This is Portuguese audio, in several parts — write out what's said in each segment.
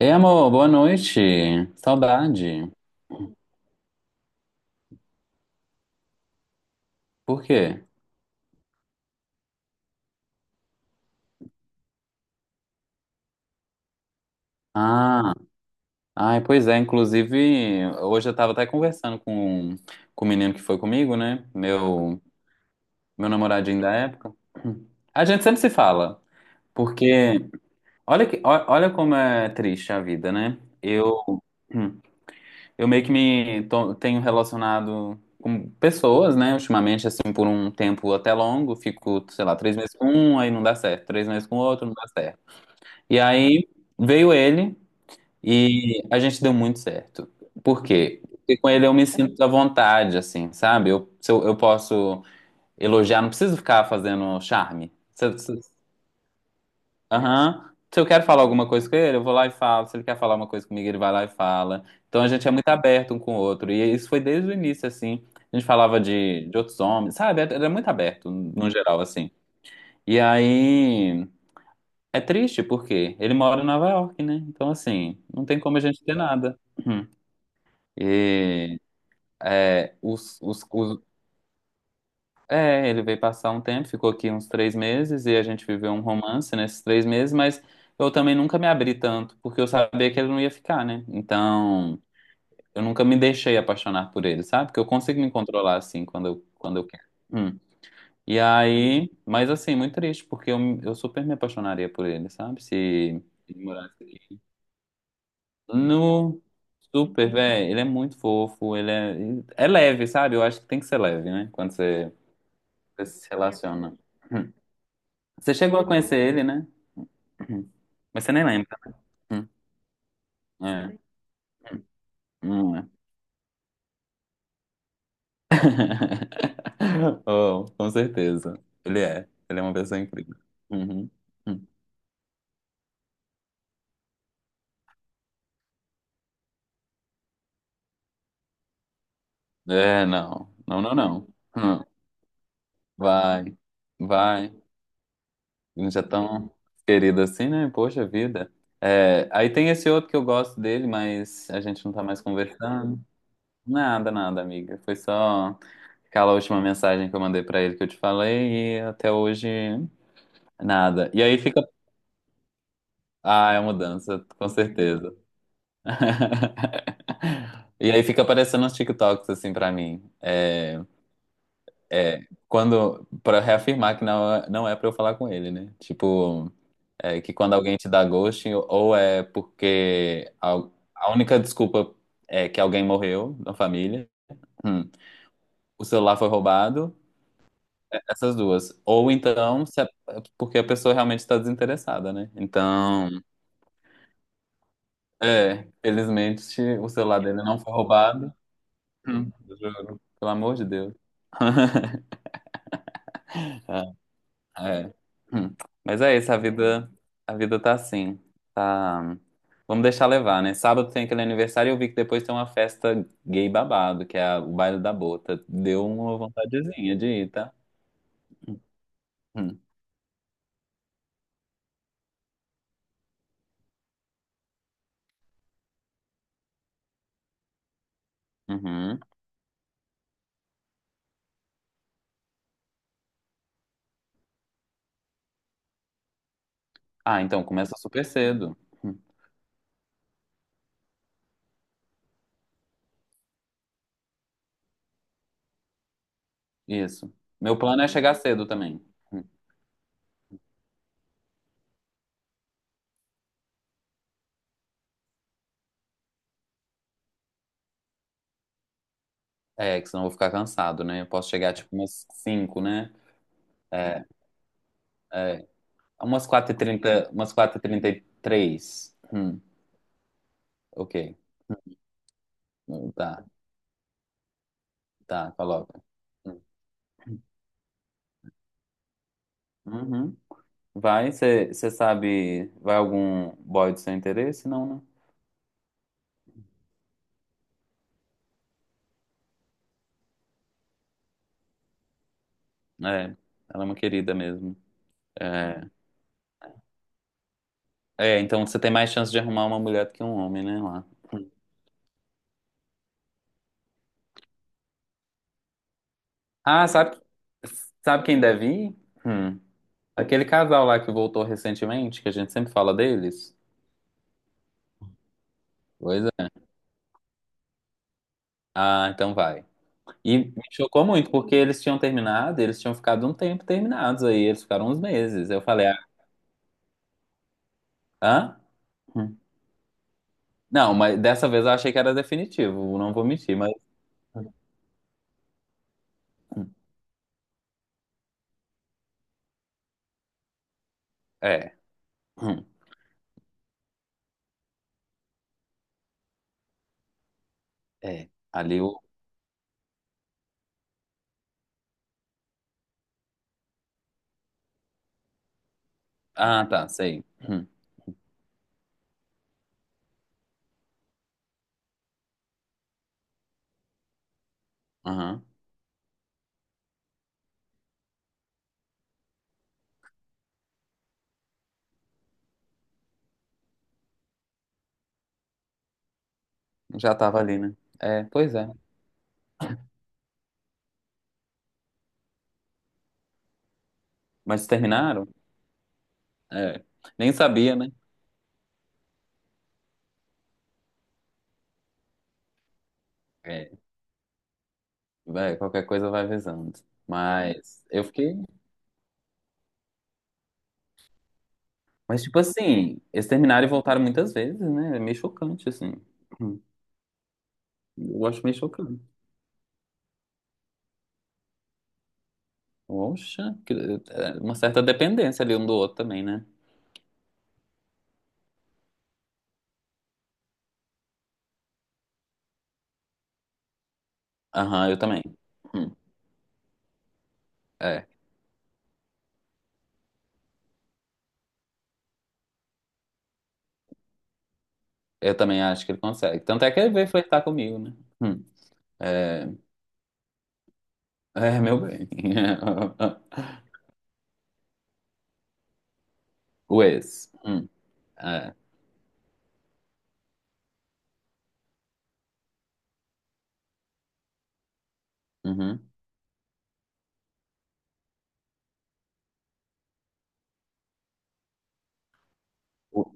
Ei, amor, boa noite. Saudade. Por quê? Ah, ai, pois é. Inclusive, hoje eu tava até conversando com o menino que foi comigo, né? Meu namoradinho da época. A gente sempre se fala, porque olha como é triste a vida, né? Eu meio que tenho relacionado com pessoas, né? Ultimamente, assim, por um tempo até longo, fico, sei lá, 3 meses com um, aí não dá certo, 3 meses com outro, não dá certo. E aí veio ele e a gente deu muito certo. Por quê? Porque com ele eu me sinto à vontade, assim, sabe? Se eu posso elogiar, não preciso ficar fazendo charme. Se, eu- se, Aham. Se eu quero falar alguma coisa com ele, eu vou lá e falo. Se ele quer falar uma coisa comigo, ele vai lá e fala. Então a gente é muito aberto um com o outro. E isso foi desde o início, assim. A gente falava de outros homens, sabe? Era muito aberto, no geral, assim. E aí. É triste porque ele mora em Nova York, né? Então, assim, não tem como a gente ter nada. Uhum. E é, os, os, os- ele veio passar um tempo, ficou aqui uns 3 meses e a gente viveu um romance nesses 3 meses, mas eu também nunca me abri tanto, porque eu sabia que ele não ia ficar, né? Então, eu nunca me deixei apaixonar por ele, sabe? Porque eu consigo me controlar assim quando eu quero. Uhum. E aí, mas assim, muito triste, porque eu super me apaixonaria por ele, sabe? Se ele morasse. No super, velho, ele é muito fofo, ele é leve, sabe? Eu acho que tem que ser leve, né? Quando você, você se relaciona. Hum. Você chegou a conhecer ele, né? Hum. Mas você nem lembra. Hum. É, não é. Oh, com certeza. Ele é. Ele é uma pessoa incrível. Uhum. Hum. É, não. Não, não, não. Hum. Vai. Vai. Gente, é tão querido assim, né? Poxa vida. É, aí tem esse outro que eu gosto dele, mas a gente não tá mais conversando. Nada, nada, amiga. Foi só aquela última mensagem que eu mandei pra ele que eu te falei e até hoje nada. E aí fica. Ah, é uma mudança, com certeza. E aí fica aparecendo uns TikToks assim pra mim. É, quando. Pra reafirmar que não é pra eu falar com ele, né? Tipo. É que quando alguém te dá ghosting, ou é porque a única desculpa é que alguém morreu na família, hum, o celular foi roubado, é- essas duas. Ou então, se a- porque a pessoa realmente está desinteressada, né? Então, é, felizmente o celular dele não foi roubado. Hum, Juro, pelo amor de Deus. É. Hum. Mas é isso, a vida tá assim. Tá. Vamos deixar levar, né? Sábado tem aquele aniversário e eu vi que depois tem uma festa gay babado, que é a- o baile da bota. Deu uma vontadezinha de ir, tá? Hum. Uhum. Ah, então começa super cedo. Hum. Isso. Meu plano é chegar cedo também. Hum. É, que senão eu vou ficar cansado, né? Eu posso chegar tipo umas 5, né? É, é. umas 4h30, umas 4h33. Ok. Tá. Tá, coloca. Uhum. Vai, você sabe, vai algum boy do seu interesse? Não, né? É, ela é uma querida mesmo. É, é, então você tem mais chance de arrumar uma mulher do que um homem, né, lá. Ah, sabe quem deve ir? Hum. Aquele casal lá que voltou recentemente, que a gente sempre fala deles. Pois é. Ah, então vai. E me chocou muito, porque eles tinham terminado, eles tinham ficado um tempo terminados aí, eles ficaram uns meses. Eu falei, ah, hã? Não, mas dessa vez eu achei que era definitivo, não vou mentir, mas é. Hum, É. Ali o. Ah, tá, sei. Aham. Já tava ali, né? É, pois é. Mas terminaram? É. Nem sabia, né? É. Vai, qualquer coisa vai avisando. Mas eu fiquei. Mas, tipo assim, eles terminaram e voltaram muitas vezes, né? É meio chocante, assim. Hum. Eu acho meio chocante. Poxa, que- é uma certa dependência ali um do outro também, né? Aham, eu também. Hum. É, eu também acho que ele consegue. Tanto é que ele veio flertar comigo, né? Hum. É, é, meu bem. O ex. Hum. É. Uhum. O-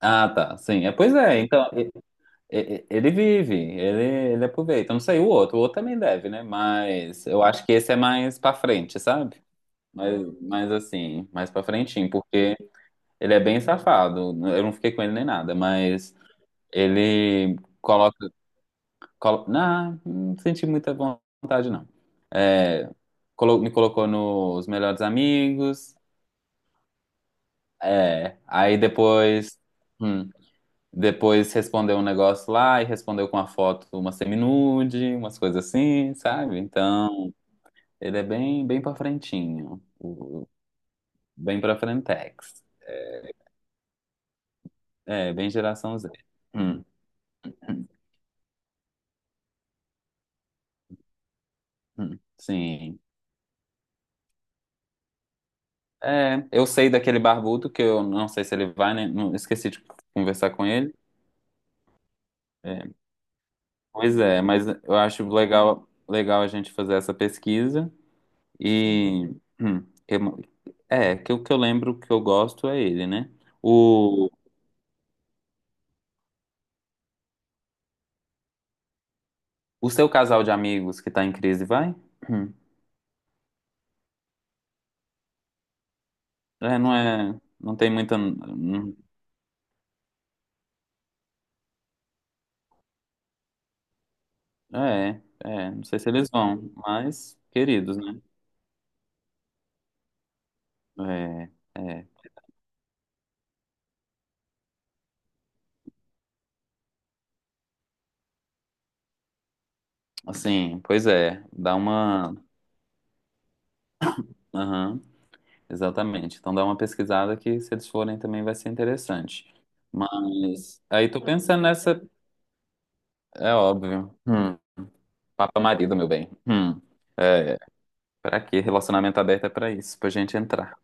Ah, tá. Sim. É, pois é. Então, ele vive, ele aproveita. Eu não sei o outro. O outro também deve, né? Mas eu acho que esse é mais pra frente, sabe? Mas assim, mais pra frentinho, porque ele é bem safado. Eu não fiquei com ele nem nada, mas ele coloca. Não, não senti muita vontade, não. É, me colocou nos melhores amigos. É, aí hum, depois respondeu um negócio lá e respondeu com a foto uma seminude, umas coisas assim, sabe? Então, ele é bem, bem pra frentinho, o- bem pra frentex. É, bem geração Z. Hum, sim. É, eu sei daquele barbudo que eu não sei se ele vai, né? Não, esqueci de conversar com ele. É, pois é, mas eu acho legal, legal a gente fazer essa pesquisa e hum, que- é que o que eu lembro que eu gosto é ele, né? O, o seu casal de amigos que tá em crise vai? Hum. É, não tem muita, é, é, não sei se eles vão, mas queridos, né? É, é, assim, pois é, aham. Exatamente. Então dá uma pesquisada que se eles forem também vai ser interessante. Mas aí tô pensando nessa, é óbvio. Papa marido, meu bem. É, para quê? Relacionamento aberto é para isso, pra gente entrar.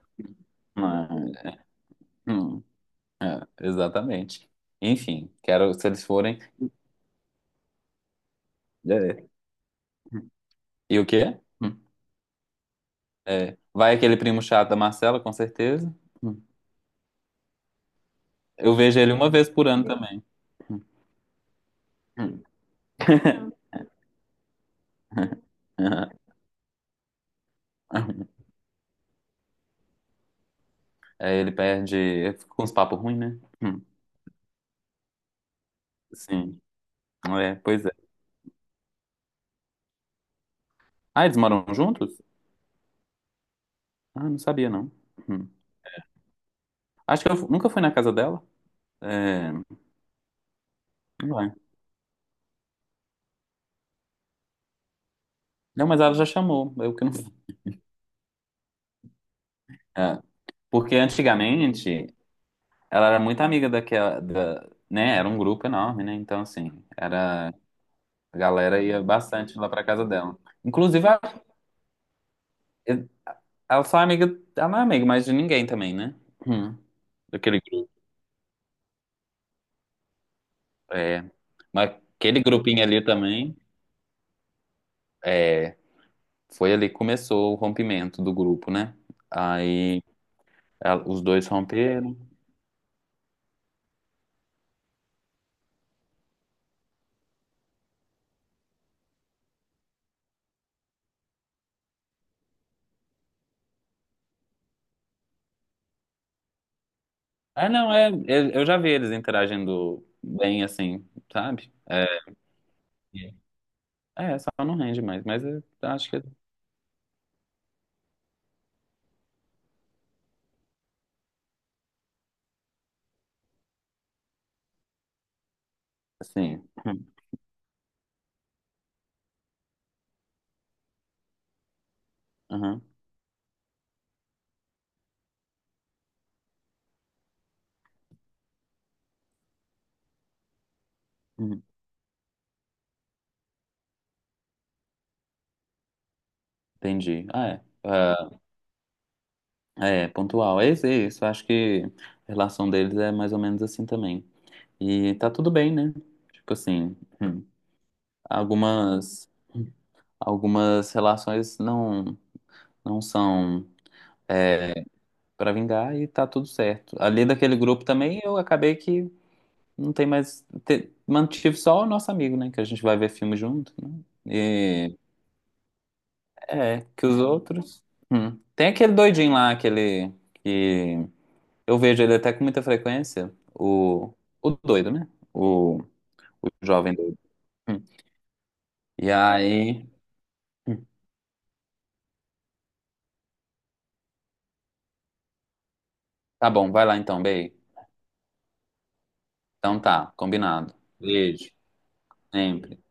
Mas, hum, exatamente. Enfim, quero se eles forem. É. E o quê? É. Vai aquele primo chato da Marcela, com certeza. Hum. Eu vejo ele uma vez por ano também. Hum, hum. Aí ele perde, fica com uns papos ruins, né? Hum. Sim, é, pois é. Ah, eles moram juntos? Ah, não sabia, não. Hum. Acho que eu fu- nunca fui na casa dela. É, não é. Não, mas ela já chamou, eu que não fui. É, porque antigamente ela era muito amiga daquela, da, né? Era um grupo enorme, né? Então, assim, era, a galera ia bastante lá pra casa dela. Inclusive, ela só é amiga, ela não é amiga mais de ninguém também, né? Hum, daquele grupo. É, mas aquele grupinho ali também. É, foi ali que começou o rompimento do grupo, né? Aí ela- os dois romperam. Ah, não, é, eu já vi eles interagindo bem assim, sabe? É, é, só não rende mais, mas eu acho que assim. Aham, uhum, entendi. Ah, é. Ah, é, pontual. É isso, é isso. Acho que a relação deles é mais ou menos assim também. E tá tudo bem, né? Tipo assim, hum, algumas, algumas relações não, não são. É, pra vingar e tá tudo certo. Ali daquele grupo também eu acabei que não tem mais. Mantive só o nosso amigo, né? Que a gente vai ver filme junto, né? E é, que os outros. Hum. Tem aquele doidinho lá, aquele que eu vejo ele até com muita frequência, o doido, né? O, o jovem doido. Hum. E aí. Hum. Tá bom, vai lá então, Bey. Então tá, combinado. Beijo, sempre.